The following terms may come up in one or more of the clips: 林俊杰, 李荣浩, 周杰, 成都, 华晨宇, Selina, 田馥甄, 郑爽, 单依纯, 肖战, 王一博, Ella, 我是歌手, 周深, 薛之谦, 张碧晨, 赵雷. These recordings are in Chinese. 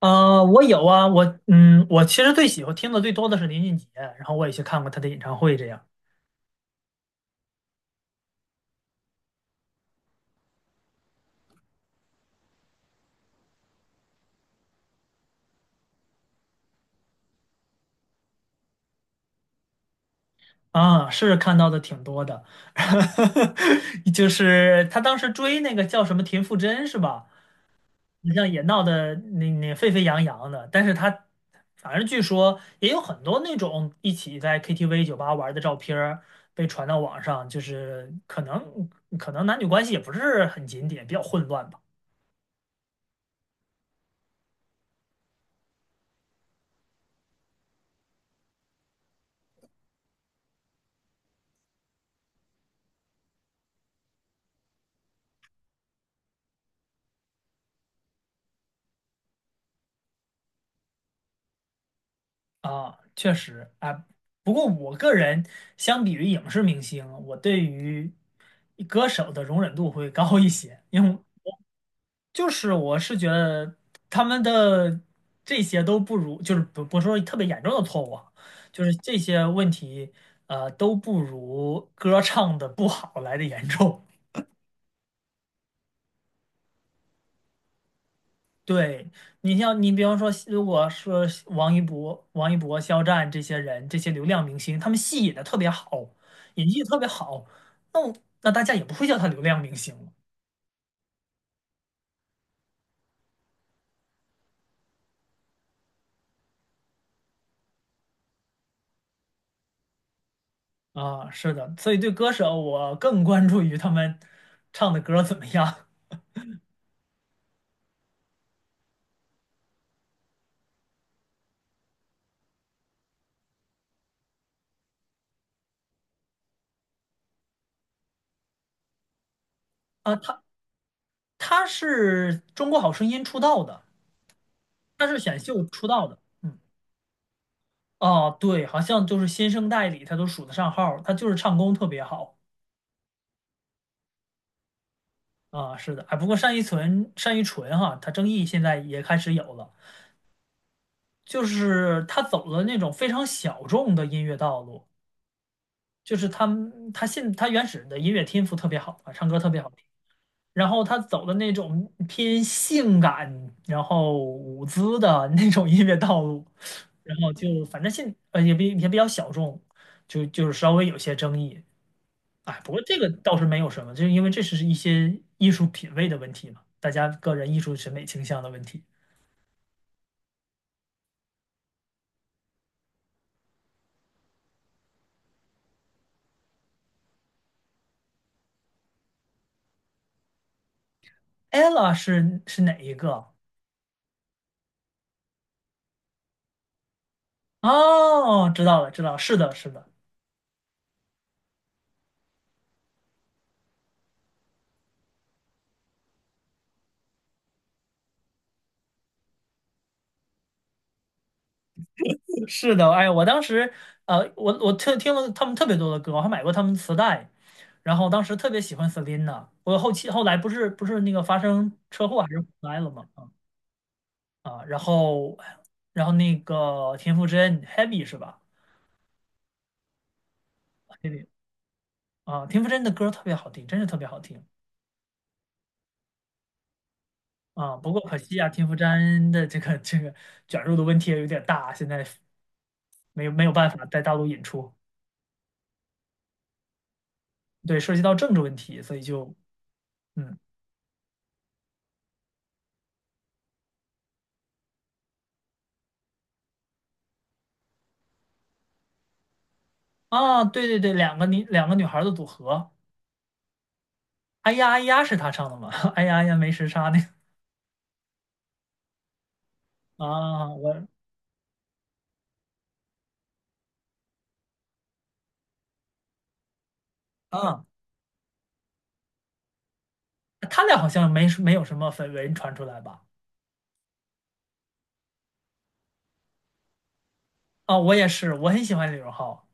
我有啊，我其实最喜欢听的最多的是林俊杰，然后我也去看过他的演唱会，这样。啊，是看到的挺多的。就是他当时追那个叫什么田馥甄是吧？你像也闹得那沸沸扬扬的，但是他反正据说也有很多那种一起在 KTV 酒吧玩的照片儿被传到网上，就是可能男女关系也不是很检点，比较混乱吧。啊，确实啊。不过我个人相比于影视明星，我对于歌手的容忍度会高一些。因为就是我是觉得他们的这些都不如，就是不是说特别严重的错误啊，就是这些问题，都不如歌唱的不好来的严重。对，你像你比方说，如果说王一博、肖战这些人，这些流量明星，他们戏演的特别好，演技特别好，那我那大家也不会叫他流量明星了。啊，是的，所以对歌手我更关注于他们唱的歌怎么样。啊。他是中国好声音出道的，他是选秀出道的。嗯，哦，对，好像就是新生代里他都数得上号儿，他就是唱功特别好。啊，是的。哎，不过单依纯哈，他争议现在也开始有了，就是他走了那种非常小众的音乐道路。就是他原始的音乐天赋特别好啊，唱歌特别好听，然后他走的那种偏性感，然后舞姿的 那种音乐道路，然后就反正也比较小众，就是稍微有些争议。哎，不过这个倒是没有什么，就是因为这是一些艺术品味的问题嘛，大家个人艺术审美倾向的问题。Ella 是哪一个？哦，知道了，知道了，是的，是的，是的。哎，我当时，我特听了他们特别多的歌，我还买过他们磁带，然后当时特别喜欢 Selina。我后期后来不是那个发生车祸还是回来了吗？啊，然后那个田馥甄 Heavy 是吧？Heavy 啊，田馥甄的歌特别好听，真是特别好听。啊，不过可惜啊，田馥甄的这个卷入的问题也有点大，现在没有办法在大陆引出。对，涉及到政治问题，所以就嗯。啊，对对对，两个女孩的组合。哎呀哎呀是他唱的吗？哎呀哎呀没时差那个。啊，他俩好像没有什么绯闻传出来吧？啊，我也是，我很喜欢李荣浩。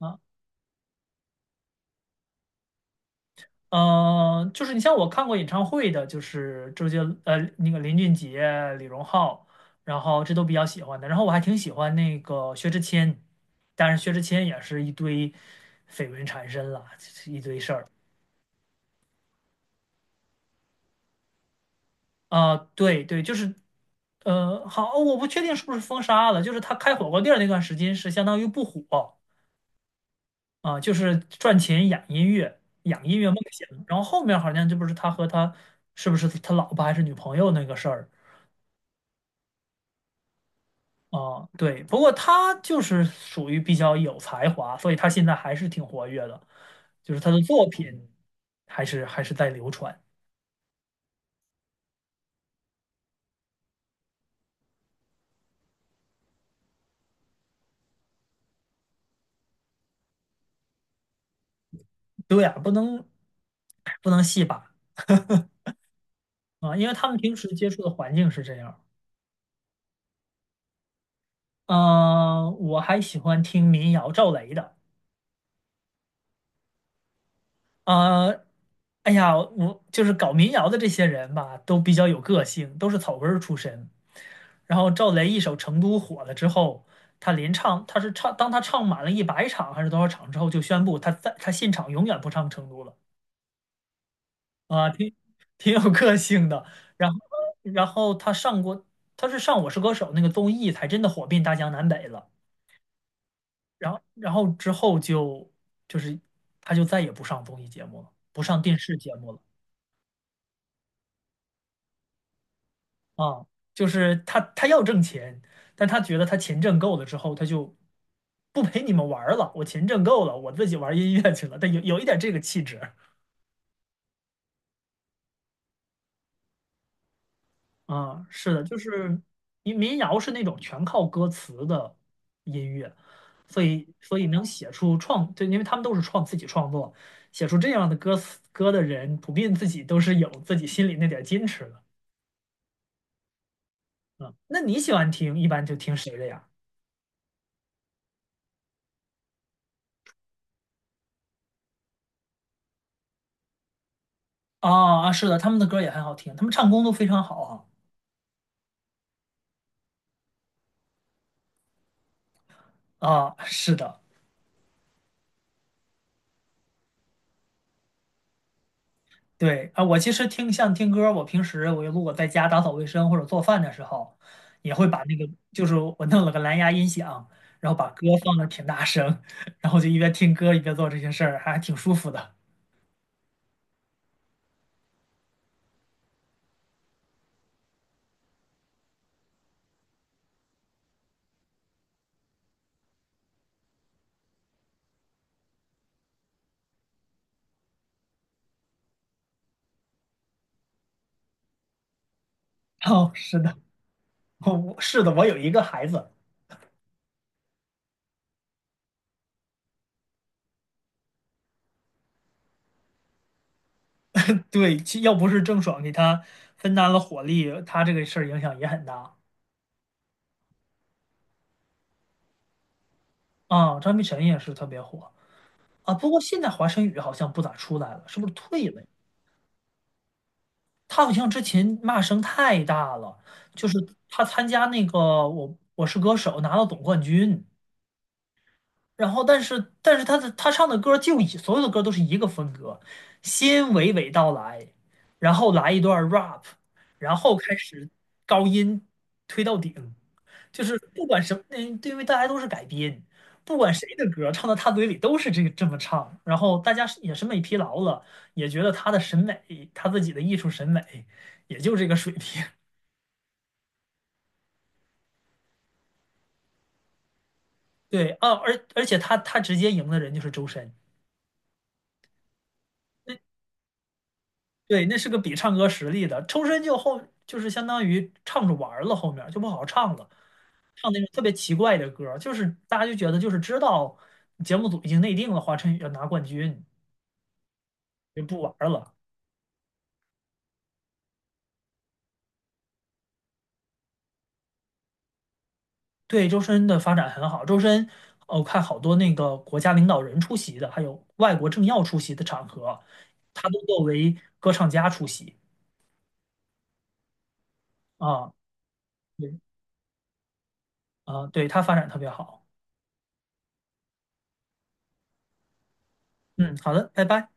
啊。嗯，就是你像我看过演唱会的，就是周杰，那个林俊杰、李荣浩，然后这都比较喜欢的。然后我还挺喜欢那个薛之谦，但是薛之谦也是一堆绯闻缠身了，就是一堆事儿。啊。对对，就是，好，我不确定是不是封杀了，就是他开火锅店儿那段时间是相当于不火啊，就是赚钱养音乐，养音乐梦想。然后后面好像这不是他和他是不是他老婆还是女朋友那个事儿。哦，对，不过他就是属于比较有才华，所以他现在还是挺活跃的，就是他的作品还是在流传。对呀，不能不能戏把。啊，因为他们平时接触的环境是这样。嗯、我还喜欢听民谣赵雷的。呃，哎呀，我就是搞民谣的这些人吧，都比较有个性，都是草根儿出身。然后赵雷一首《成都》火了之后，他连唱，他是唱，当他唱满了一百场还是多少场之后，就宣布他在他现场永远不唱《成都》了。啊，挺挺有个性的。然后，然后他上过，他是上《我是歌手》那个综艺，才真的火遍大江南北了。然后，然后之后就是他就再也不上综艺节目了，不上电视节目了。啊，就是他要挣钱，但他觉得他钱挣够了之后，他就不陪你们玩儿了，我钱挣够了，我自己玩儿音乐去了。但有一点这个气质。啊，是的，就是民谣是那种全靠歌词的音乐，所以能写出创，对，因为他们都是创自己创作，写出这样的歌词歌的人，普遍自己都是有自己心里那点矜持的。嗯，那你喜欢听，一般就听谁的呀？啊啊，是的，他们的歌也很好听，他们唱功都非常好啊。啊，是的。对啊，我其实听像听歌儿，我平时我如果在家打扫卫生或者做饭的时候，也会把那个就是我弄了个蓝牙音响，然后把歌放的挺大声，然后就一边听歌一边做这些事儿，还挺舒服的。哦，是的。哦，是的，我有一个孩子。对，其要不是郑爽给他分担了火力，他这个事儿影响也很大。啊。张碧晨也是特别火。啊，不过现在华晨宇好像不咋出来了，是不是退了呀？他好像之前骂声太大了，就是他参加那个我是歌手拿到总冠军，然后但是他的他唱的歌就以所有的歌都是一个风格，先娓娓道来，然后来一段 rap，然后开始高音推到顶，就是不管什么，嗯，对因为大家都是改编，不管谁的歌唱到他嘴里都是这个这么唱，然后大家是也审美疲劳了，也觉得他的审美，他自己的艺术审美也就这个水平。对啊，而且他直接赢的人就是周深。对，那是个比唱歌实力的，周深就后就是相当于唱着玩儿了，后面就不好唱了，唱那种特别奇怪的歌儿就是大家就觉得就是知道节目组已经内定了华晨宇要拿冠军，就不玩儿了。对，周深的发展很好，周深，我看好多那个国家领导人出席的，还有外国政要出席的场合，他都作为歌唱家出席。啊，对啊，对他发展特别好。嗯，好的，拜拜。